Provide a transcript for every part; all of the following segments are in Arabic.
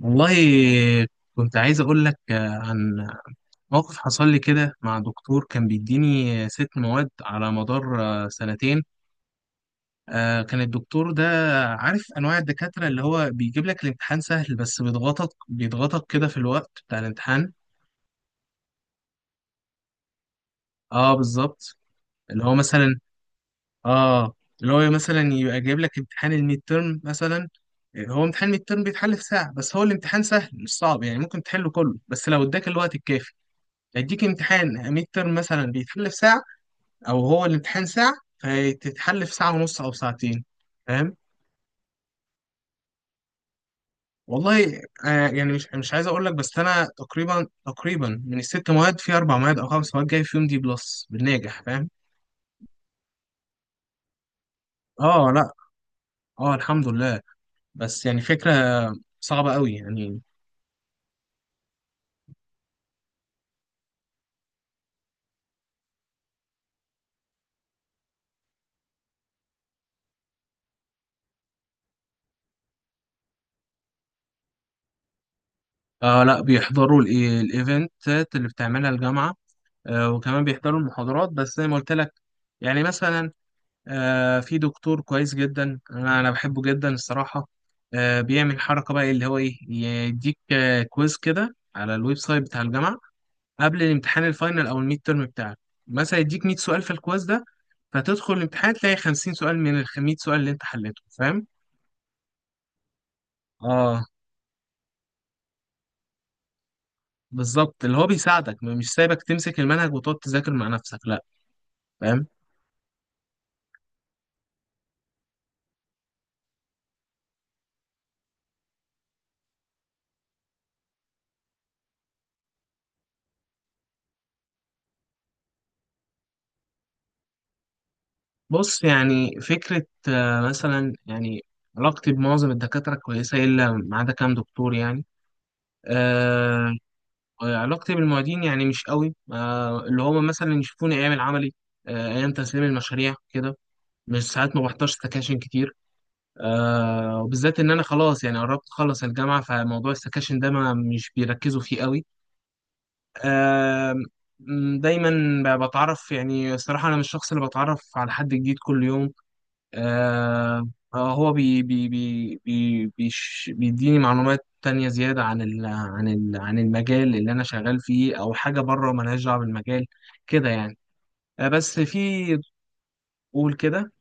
والله، كنت عايز أقول لك عن موقف حصل لي كده مع دكتور كان بيديني ست مواد على مدار سنتين. كان الدكتور ده عارف أنواع الدكاترة اللي هو بيجيب لك الامتحان سهل، بس بيضغطك بيضغطك كده في الوقت بتاع الامتحان. اه، بالظبط. اللي هو مثلا اه اللي هو مثلا يبقى جايب لك امتحان الميد تيرم مثلا. هو امتحان الميد تيرم بيتحل في ساعة، بس هو الامتحان سهل مش صعب يعني، ممكن تحله كله بس لو اداك الوقت الكافي. يديك امتحان ميد ترم مثلا بيتحل في ساعة، أو هو الامتحان ساعة فتتحل في ساعة ونص أو ساعتين. فاهم؟ والله، يعني مش عايز أقول لك، بس أنا تقريبا تقريبا من الست مواد في أربع مواد أو خمس مواد جاي فيهم دي بلس بالناجح. فاهم؟ أه، لأ. أه، الحمد لله. بس يعني فكرة صعبة قوي يعني. لأ، بيحضروا الإيفنتات اللي بتعملها الجامعة. وكمان بيحضروا المحاضرات بس زي ما قلت لك. يعني مثلا، في دكتور كويس جدا، انا بحبه جدا الصراحه. بيعمل حركه بقى اللي هو ايه، يديك كويز كده على الويب سايت بتاع الجامعه قبل الامتحان الفاينل او الميد تيرم بتاعك. مثلا يديك 100 سؤال في الكويز ده، فتدخل الامتحان تلاقي 50 سؤال من ال 100 سؤال اللي انت حليته. فاهم؟ اه، بالظبط. اللي هو بيساعدك، مش سايبك تمسك المنهج وتقعد تذاكر مع نفسك، لا. فاهم؟ بص يعني فكره، مثلا يعني علاقتي بمعظم الدكاتره كويسه الا ما عدا كام دكتور يعني. آه علاقتي بالمعيدين يعني مش قوي. اللي هما مثلا يشوفوني ايام العملي، ايام تسليم المشاريع كده، مش ساعات. ما بحضرش سكاشن كتير، وبالذات ان انا خلاص يعني قربت اخلص الجامعه، فموضوع السكاشن ده ما مش بيركزوا فيه قوي. آه دايما بتعرف يعني، الصراحه انا مش الشخص اللي بتعرف على حد جديد كل يوم. آه هو بي بي بي بي بيش بيديني معلومات تانية زيادة عن المجال اللي أنا شغال فيه، أو حاجة بره ملهاش دعوة بالمجال كده يعني. بس في، قول كده.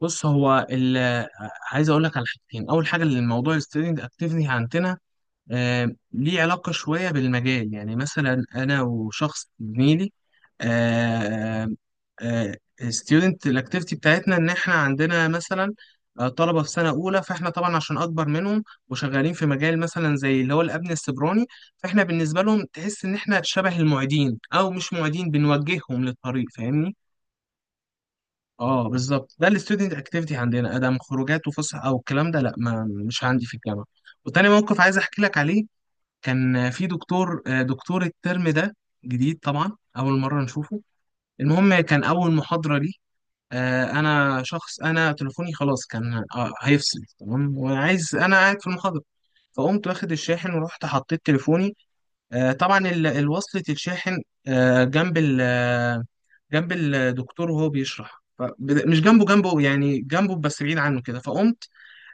بص هو عايز أقول لك على حاجتين. أول حاجة، اللي الموضوع الستودنت أكتيفني عندنا ليه علاقة شوية بالمجال. يعني مثلا أنا وشخص زميلي، ستودنت الاكتيفيتي بتاعتنا إن إحنا عندنا مثلا طلبة في سنة أولى، فإحنا طبعا عشان أكبر منهم وشغالين في مجال مثلا زي اللي هو الأمن السيبراني، فإحنا بالنسبة لهم تحس إن إحنا شبه المعيدين أو مش معيدين، بنوجههم للطريق. فاهمني؟ اه، بالظبط، ده الستودنت اكتيفيتي عندنا. ادم خروجات وفسح او الكلام ده لا، ما مش عندي في الجامعه. وتاني موقف عايز احكي لك عليه، كان في دكتور، دكتور الترم ده جديد طبعا، اول مره نشوفه. المهم، كان اول محاضره لي، انا شخص، انا تليفوني خلاص كان هيفصل تمام، وعايز، انا قاعد في المحاضره، فقمت واخد الشاحن ورحت حطيت تليفوني. طبعا الوصلة الشاحن جنب ال آه، جنب الدكتور وهو بيشرح. مش جنبه جنبه، يعني جنبه بس بعيد عنه كده. فقمت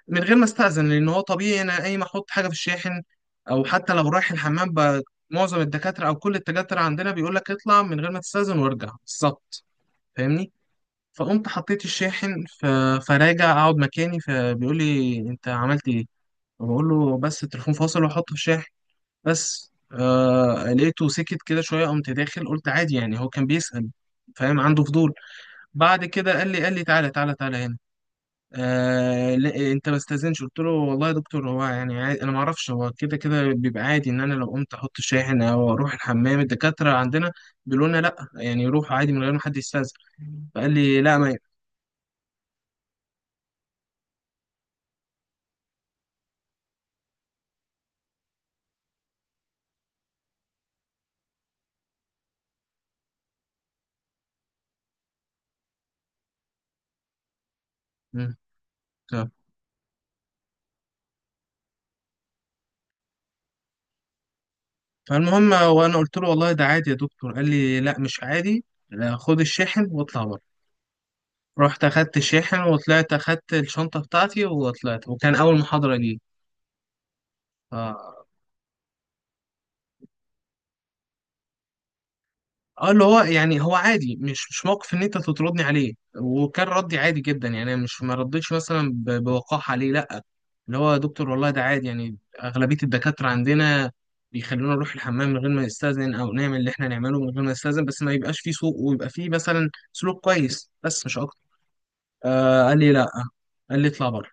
من غير ما استأذن، لأن هو طبيعي أنا أي ما أحط حاجة في الشاحن أو حتى لو رايح الحمام، معظم الدكاترة أو كل الدكاترة عندنا بيقول لك اطلع من غير ما تستأذن وارجع بالظبط. فاهمني؟ فقمت حطيت الشاحن، فراجع أقعد مكاني. فبيقول لي، أنت عملت إيه؟ بقول له، بس التليفون فاصل وأحطه في الشاحن. بس لقيته سكت كده شوية، قمت داخل قلت عادي يعني، هو كان بيسأل. فاهم؟ عنده فضول. بعد كده قال لي تعالى تعالى تعالى هنا، لا انت ما استاذنش. قلت له، والله يا دكتور هو يعني عادي، انا ما اعرفش، هو كده كده بيبقى عادي ان انا لو قمت احط شاحن او اروح الحمام. الدكاتره عندنا بيقولوا لنا لا، يعني روح عادي من غير ما حد يستاذن. فقال لي لا، ما ينفع. مم. طب. فالمهم، وانا قلت له والله ده عادي يا دكتور، قال لي لا مش عادي، لا، خد الشاحن واطلع بره. رحت اخدت الشاحن وطلعت، اخدت الشنطه بتاعتي وطلعت، وكان اول محاضره لي. اه، اللي هو يعني هو عادي، مش موقف ان انت تطردني عليه، وكان ردي عادي جدا، يعني انا مش ما ردتش مثلا بوقاحه عليه، لا، اللي هو يا دكتور والله ده عادي يعني. اغلبيه الدكاتره عندنا بيخلونا نروح الحمام من غير ما نستاذن او نعمل اللي احنا نعمله من غير ما نستاذن، بس ما يبقاش فيه سوء، ويبقى فيه مثلا سلوك كويس، بس مش اكتر. قال لي لا، قال لي اطلع بره.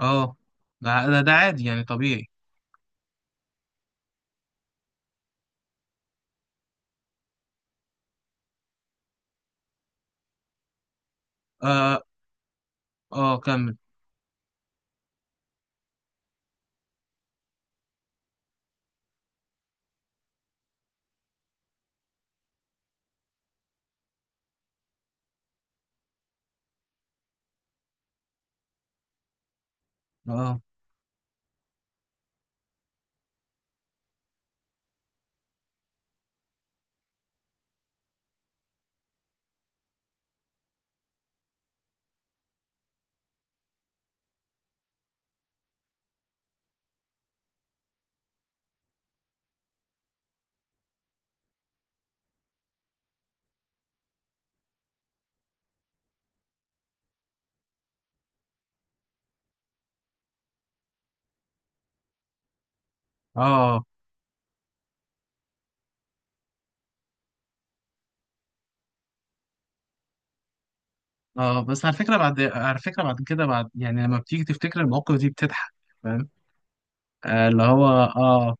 اه، ده عادي يعني طبيعي. اه اه، كمل. اه اه اه، بس على فكرة بعد، على فكرة بعد كده، بعد يعني لما بتيجي تفتكر المواقف دي بتضحك. فاهم؟ اللي هو اه.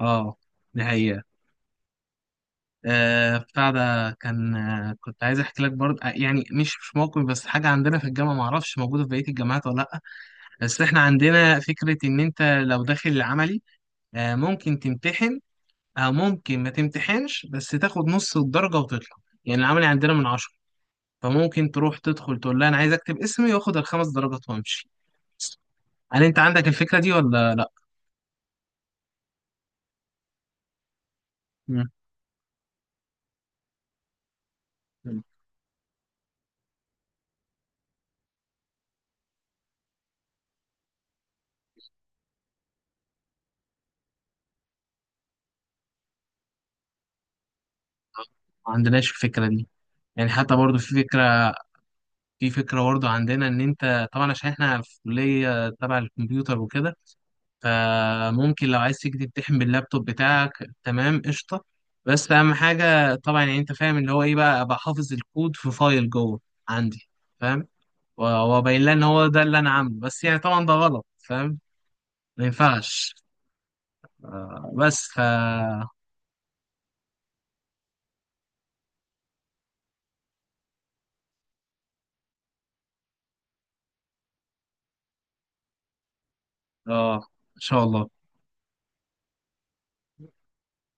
اه، دي حقيقة. بتاع ده كان، كنت عايز احكي لك برضه، يعني مش موقف بس حاجة عندنا في الجامعة، معرفش موجودة في بقية الجامعات ولا لأ. بس احنا عندنا فكرة، ان انت لو داخل العملي ممكن تمتحن، او ممكن ما تمتحنش بس تاخد نص الدرجة وتطلع. يعني العملي عندنا من 10، فممكن تروح تدخل تقول لها انا عايز اكتب اسمي واخد الخمس درجات وامشي. هل انت عندك الفكره دي ولا لا؟ مم. ما عندناش الفكره دي. يعني حتى برضو في فكره، برضو عندنا ان انت طبعا عشان احنا في كليه تبع الكمبيوتر وكده، فممكن لو عايز تيجي تمتحن باللابتوب بتاعك، تمام، قشطه. بس اهم حاجه طبعا يعني، انت فاهم اللي هو ايه بقى، ابقى حافظ الكود في فايل جوه عندي. فاهم؟ وابين لها ان هو ده اللي انا عامله، بس يعني طبعا ده غلط. فاهم؟ ما ينفعش. آه، بس ف اه، ان شاء الله.